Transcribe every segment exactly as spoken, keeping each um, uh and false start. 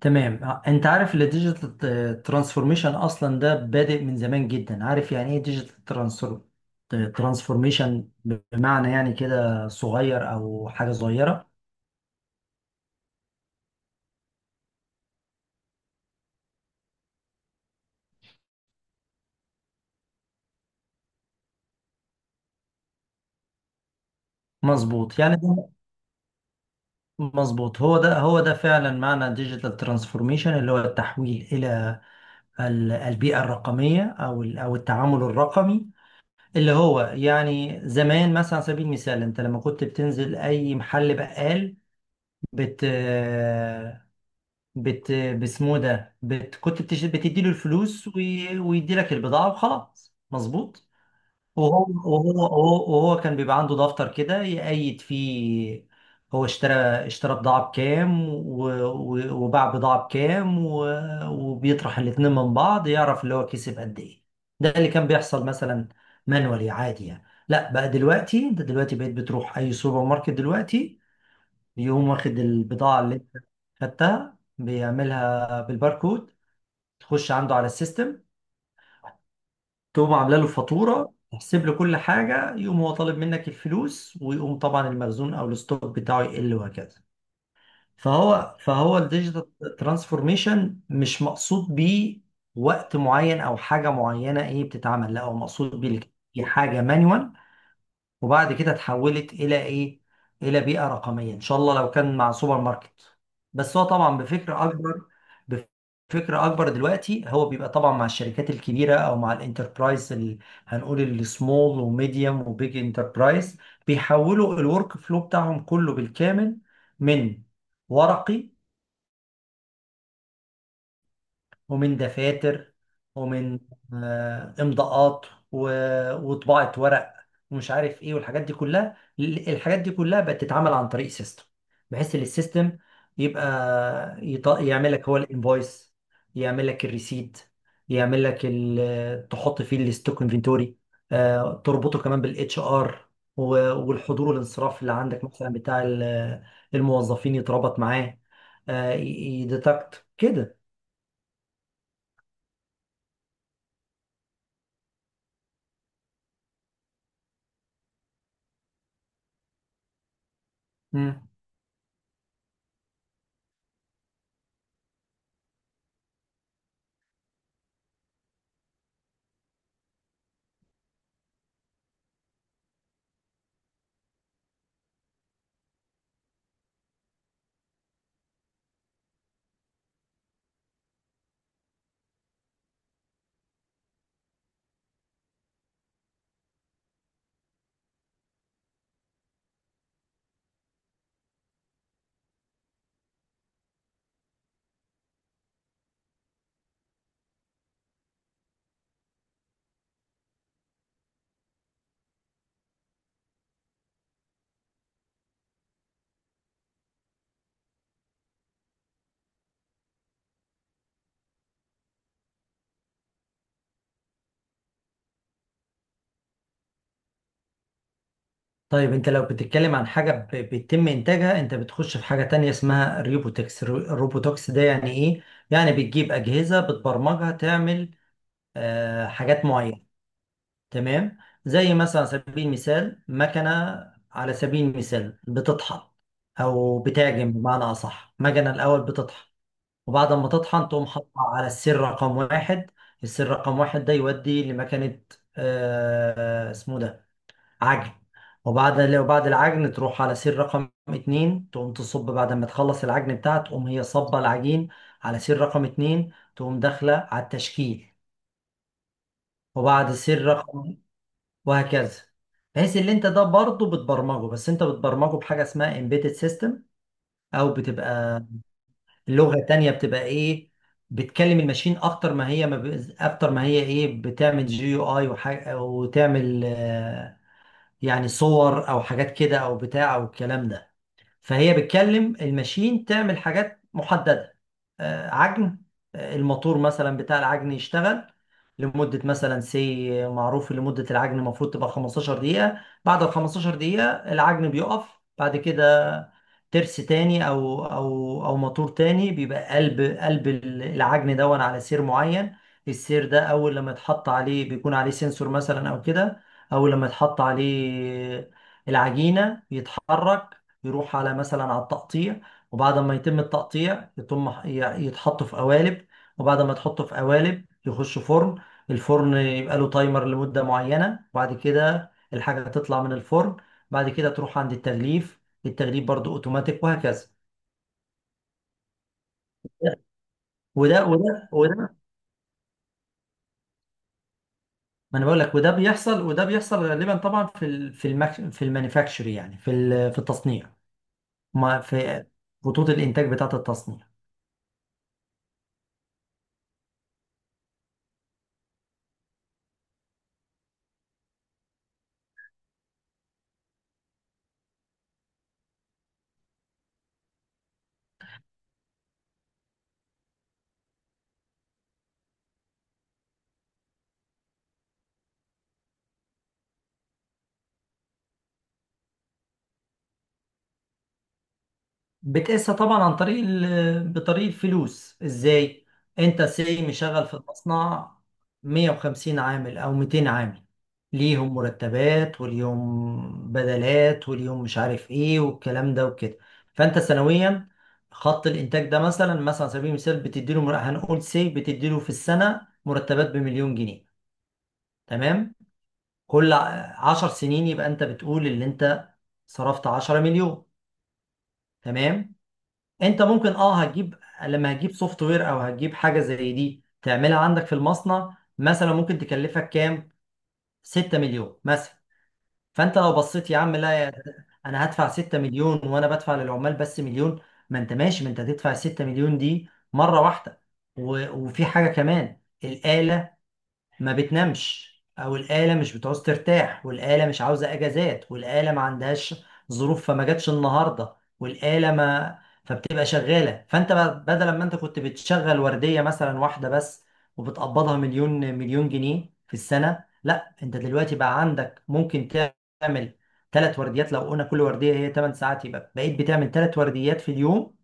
تمام. ع- انت عارف الديجيتال ترانسفورميشن اصلا ده بادئ من زمان جدا، عارف يعني ايه ديجيتال ترانسفورميشن؟ بمعنى يعني كده صغير او حاجه صغيره. مظبوط، يعني ده مظبوط، هو ده هو ده فعلا معنى ديجيتال ترانسفورميشن، اللي هو التحويل الى ال- البيئه الرقميه، او ال- او التعامل الرقمي، اللي هو يعني زمان مثلا على سبيل المثال انت لما كنت بتنزل اي محل بقال، بت بت باسمه ده بت كنت بتش... بتدي له الفلوس وي... ويدي لك البضاعة وخلاص، مظبوط. وهو وهو وهو وهو كان بيبقى عنده دفتر كده يقيد فيه هو اشترى اشترى بضاعة بكام و... و... وباع بضاعة بكام و... وبيطرح الاتنين من بعض يعرف اللي هو كسب قد ايه. ده اللي كان بيحصل مثلا، مانوالي عادي يعني. لا، بقى دلوقتي انت دلوقتي بقيت بتروح اي سوبر ماركت، دلوقتي يقوم واخد البضاعة اللي انت خدتها بيعملها بالباركود، تخش عنده على السيستم، تقوم عامله له فاتورة تحسب له كل حاجة، يقوم هو طالب منك الفلوس، ويقوم طبعا المخزون او الستوك بتاعه يقل، وهكذا. فهو فهو الديجيتال ترانسفورميشن مش مقصود بيه وقت معين او حاجة معينة ايه بتتعمل، لا، هو مقصود بيه حاجة مانوال وبعد كده اتحولت الى ايه، الى بيئه رقميه. ان شاء الله لو كان مع سوبر ماركت، بس هو طبعا بفكر اكبر. بفكر اكبر دلوقتي، هو بيبقى طبعا مع الشركات الكبيره او مع الانتربرايز ال- هنقول السمول وميديوم وبيج انتربرايز، بيحولوا الورك فلو بتاعهم كله بالكامل من ورقي، ومن دفاتر، ومن آه، امضاءات، و- وطباعة ورق، ومش عارف ايه والحاجات دي كلها ال- الحاجات دي كلها بقت تتعمل عن طريق سيستم، بحيث ان السيستم يبقى يط- يعمل لك هو الانفويس، يعمل لك الريسيت، يعمل لك ال- تحط فيه الستوك انفنتوري، آه، تربطه كمان بالاتش ار، والحضور والانصراف اللي عندك مثلا بتاع ال- الموظفين، يتربط معاه، يديتكت كده. طيب انت لو بتتكلم عن حاجة ب- بيتم انتاجها، انت بتخش في حاجة تانية اسمها الروبوتكس. الرو- الروبوتكس ده يعني ايه؟ يعني بتجيب اجهزة بتبرمجها تعمل آه حاجات معينة، تمام؟ زي مثلا على سبيل المثال مكنة، على سبيل المثال بتطحن او بتعجن، بمعنى اصح مكنة الاول بتطحن، وبعد ما تطحن تقوم حاطها على السر رقم واحد. السر رقم واحد ده يودي لمكنة آه اسمه ده عجن. وبعد وبعد العجن تروح على سير رقم اتنين تقوم تصب، بعد ما تخلص العجن بتاعها تقوم هي صبة العجين على سير رقم اتنين، تقوم داخلة على التشكيل. وبعد سير رقم وهكذا. بحيث اللي انت ده برضه بتبرمجه، بس انت بتبرمجه بحاجة اسمها embedded system، او بتبقى اللغة تانية، بتبقى ايه بتكلم الماشين اكتر ما هي ما ب... اكتر ما هي ايه بتعمل جي يو اي وحاجة، وتعمل آه، يعني صور او حاجات كده او بتاع او الكلام ده. فهي بتكلم الماشين تعمل حاجات محددة. آه، عجن. آه، الموتور مثلا بتاع العجن يشتغل لمدة مثلا سي معروف، لمدة العجن المفروض تبقى 15 دقيقة. بعد ال خمستاشر دقيقة العجن بيقف، بعد كده ترس تاني أو أو أو موتور تاني بيبقى قلب قلب العجن دون على سير معين. السير ده أول لما يتحط عليه بيكون عليه سنسور مثلا أو كده، أول لما يتحط عليه العجينة بيتحرك، يروح على مثلا على التقطيع، وبعد ما يتم التقطيع يتم ي- يتحط في قوالب، وبعد ما يتحطوا في قوالب يخش فرن. الفرن يبقى له تايمر لمدة معينة، وبعد كده الحاجة تطلع من الفرن. بعد كده تروح عند التغليف، التغليف برضو اوتوماتيك وهكذا. وده وده وده ما انا بقول لك، وده بيحصل، وده بيحصل غالبا طبعا في ال- في المك... في المانيفاكتشر، يعني في ال- في التصنيع، ما في خطوط الانتاج بتاعة التصنيع. بتقيسها طبعا عن طريق ال... بطريق الفلوس. ازاي؟ انت سي مشغل في المصنع مية وخمسين عامل او ميتين عامل، ليهم مرتبات وليهم بدلات وليهم مش عارف ايه والكلام ده وكده. فانت سنويا خط الانتاج ده مثلا، مثلا على سبيل المثال بتديله مر- هنقول سي بتديله في السنه مرتبات بمليون جنيه. تمام؟ كل ع- عشر سنين يبقى انت بتقول اللي انت صرفت عشرة مليون. تمام؟ انت ممكن اه هتجيب، لما هتجيب سوفت وير او هتجيب حاجه زي دي تعملها عندك في المصنع، مثلا ممكن تكلفك كام، ستة مليون مثلا. فانت لو بصيت يا عم، لا يا- انا هدفع ستة مليون وانا بدفع للعمال بس مليون، ما انت ماشي. ما انت هتدفع ستة مليون دي مره واحده، و... وفي حاجه كمان الآلة ما بتنامش، او الآلة مش بتعوز ترتاح، والآلة مش عاوزة اجازات، والآلة ما عندهاش ظروف فما جاتش النهاردة، والآلة ما فبتبقى شغالة. فانت ب- بدل ما انت كنت بتشغل وردية مثلا واحدة بس وبتقبضها مليون، مليون جنيه في السنة، لا انت دلوقتي بقى عندك ممكن تعمل ثلاث ورديات. لو قلنا كل وردية هي تمن ساعات يبقى بقيت بتعمل ثلاث ورديات في اليوم،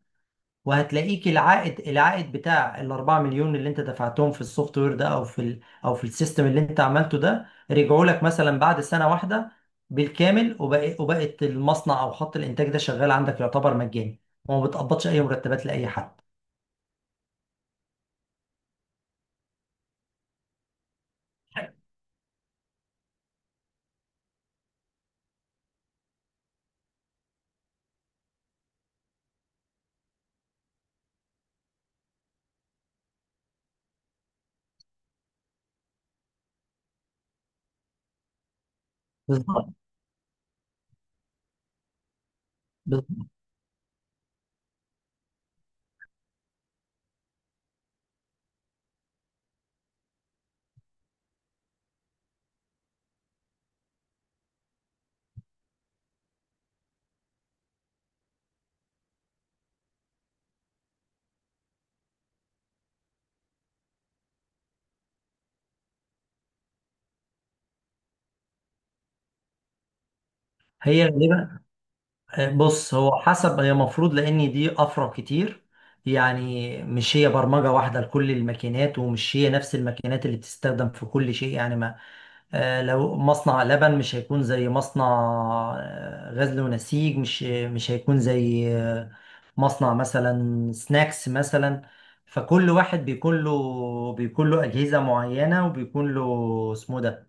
وهتلاقيك العائد، العائد بتاع الأربعة مليون اللي انت دفعتهم في السوفت وير ده او في ال او في السيستم اللي انت عملته ده، رجعوا لك مثلا بعد سنة واحدة بالكامل، وبقى وبقت المصنع او خط الانتاج ده شغال عندك يعتبر مجاني، وما بتقبضش اي مرتبات لاي حد. بالظبط، بالظبط. هي غالبا، بص هو حسب، هي المفروض لان دي افرع كتير يعني، مش هي برمجه واحده لكل الماكينات، ومش هي نفس الماكينات اللي بتستخدم في كل شيء يعني، ما آه، لو مصنع لبن مش هيكون زي مصنع آه، غزل ونسيج، مش مش هيكون زي آه، مصنع مثلا سناكس مثلا. فكل واحد بيكون له بيكون له أجهزة معينة، وبيكون له اسمه ده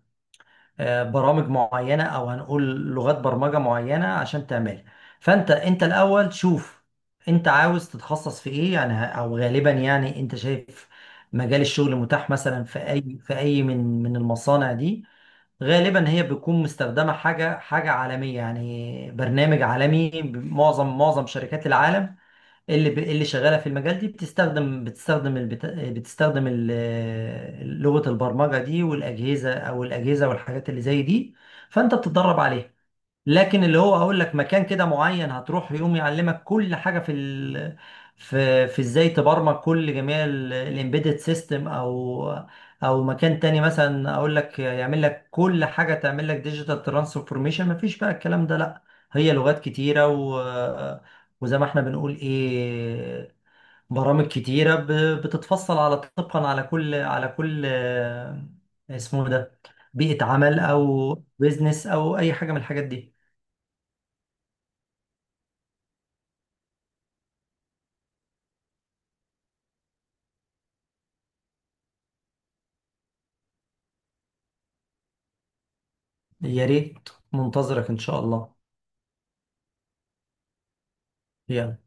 آه، برامج معينة، أو هنقول لغات برمجة معينة عشان تعملها. فأنت، أنت الأول شوف أنت عاوز تتخصص في إيه يعني، ه- أو غالبا يعني أنت شايف مجال الشغل متاح مثلا في أي، في أي من من المصانع دي. غالبا هي بتكون مستخدمة حاجة حاجة عالمية، يعني برنامج عالمي ب- معظم معظم شركات العالم اللي ب... اللي شغالة في المجال دي، بتستخدم بتستخدم البت... بتستخدم ال- لغة البرمجة دي والأجهزة، أو الأجهزة والحاجات اللي زي دي، فأنت بتتدرب عليها. لكن اللي هو هقول لك مكان كده معين هتروح يقوم يعلمك كل حاجه في ال... في في ازاي تبرمج كل جميع الامبيدد سيستم، او او مكان تاني مثلا اقول لك يعمل لك كل حاجه تعمل لك ديجيتال ترانسفورميشن، مفيش بقى الكلام ده، لا. هي لغات كتيره و... وزي ما احنا بنقول ايه، برامج كتيره ب... بتتفصل على طبقا على كل، على كل آه، اسمه ده بيئه عمل او بيزنس او اي حاجه من الحاجات دي. يا ريت، منتظرك إن شاء الله. يلا.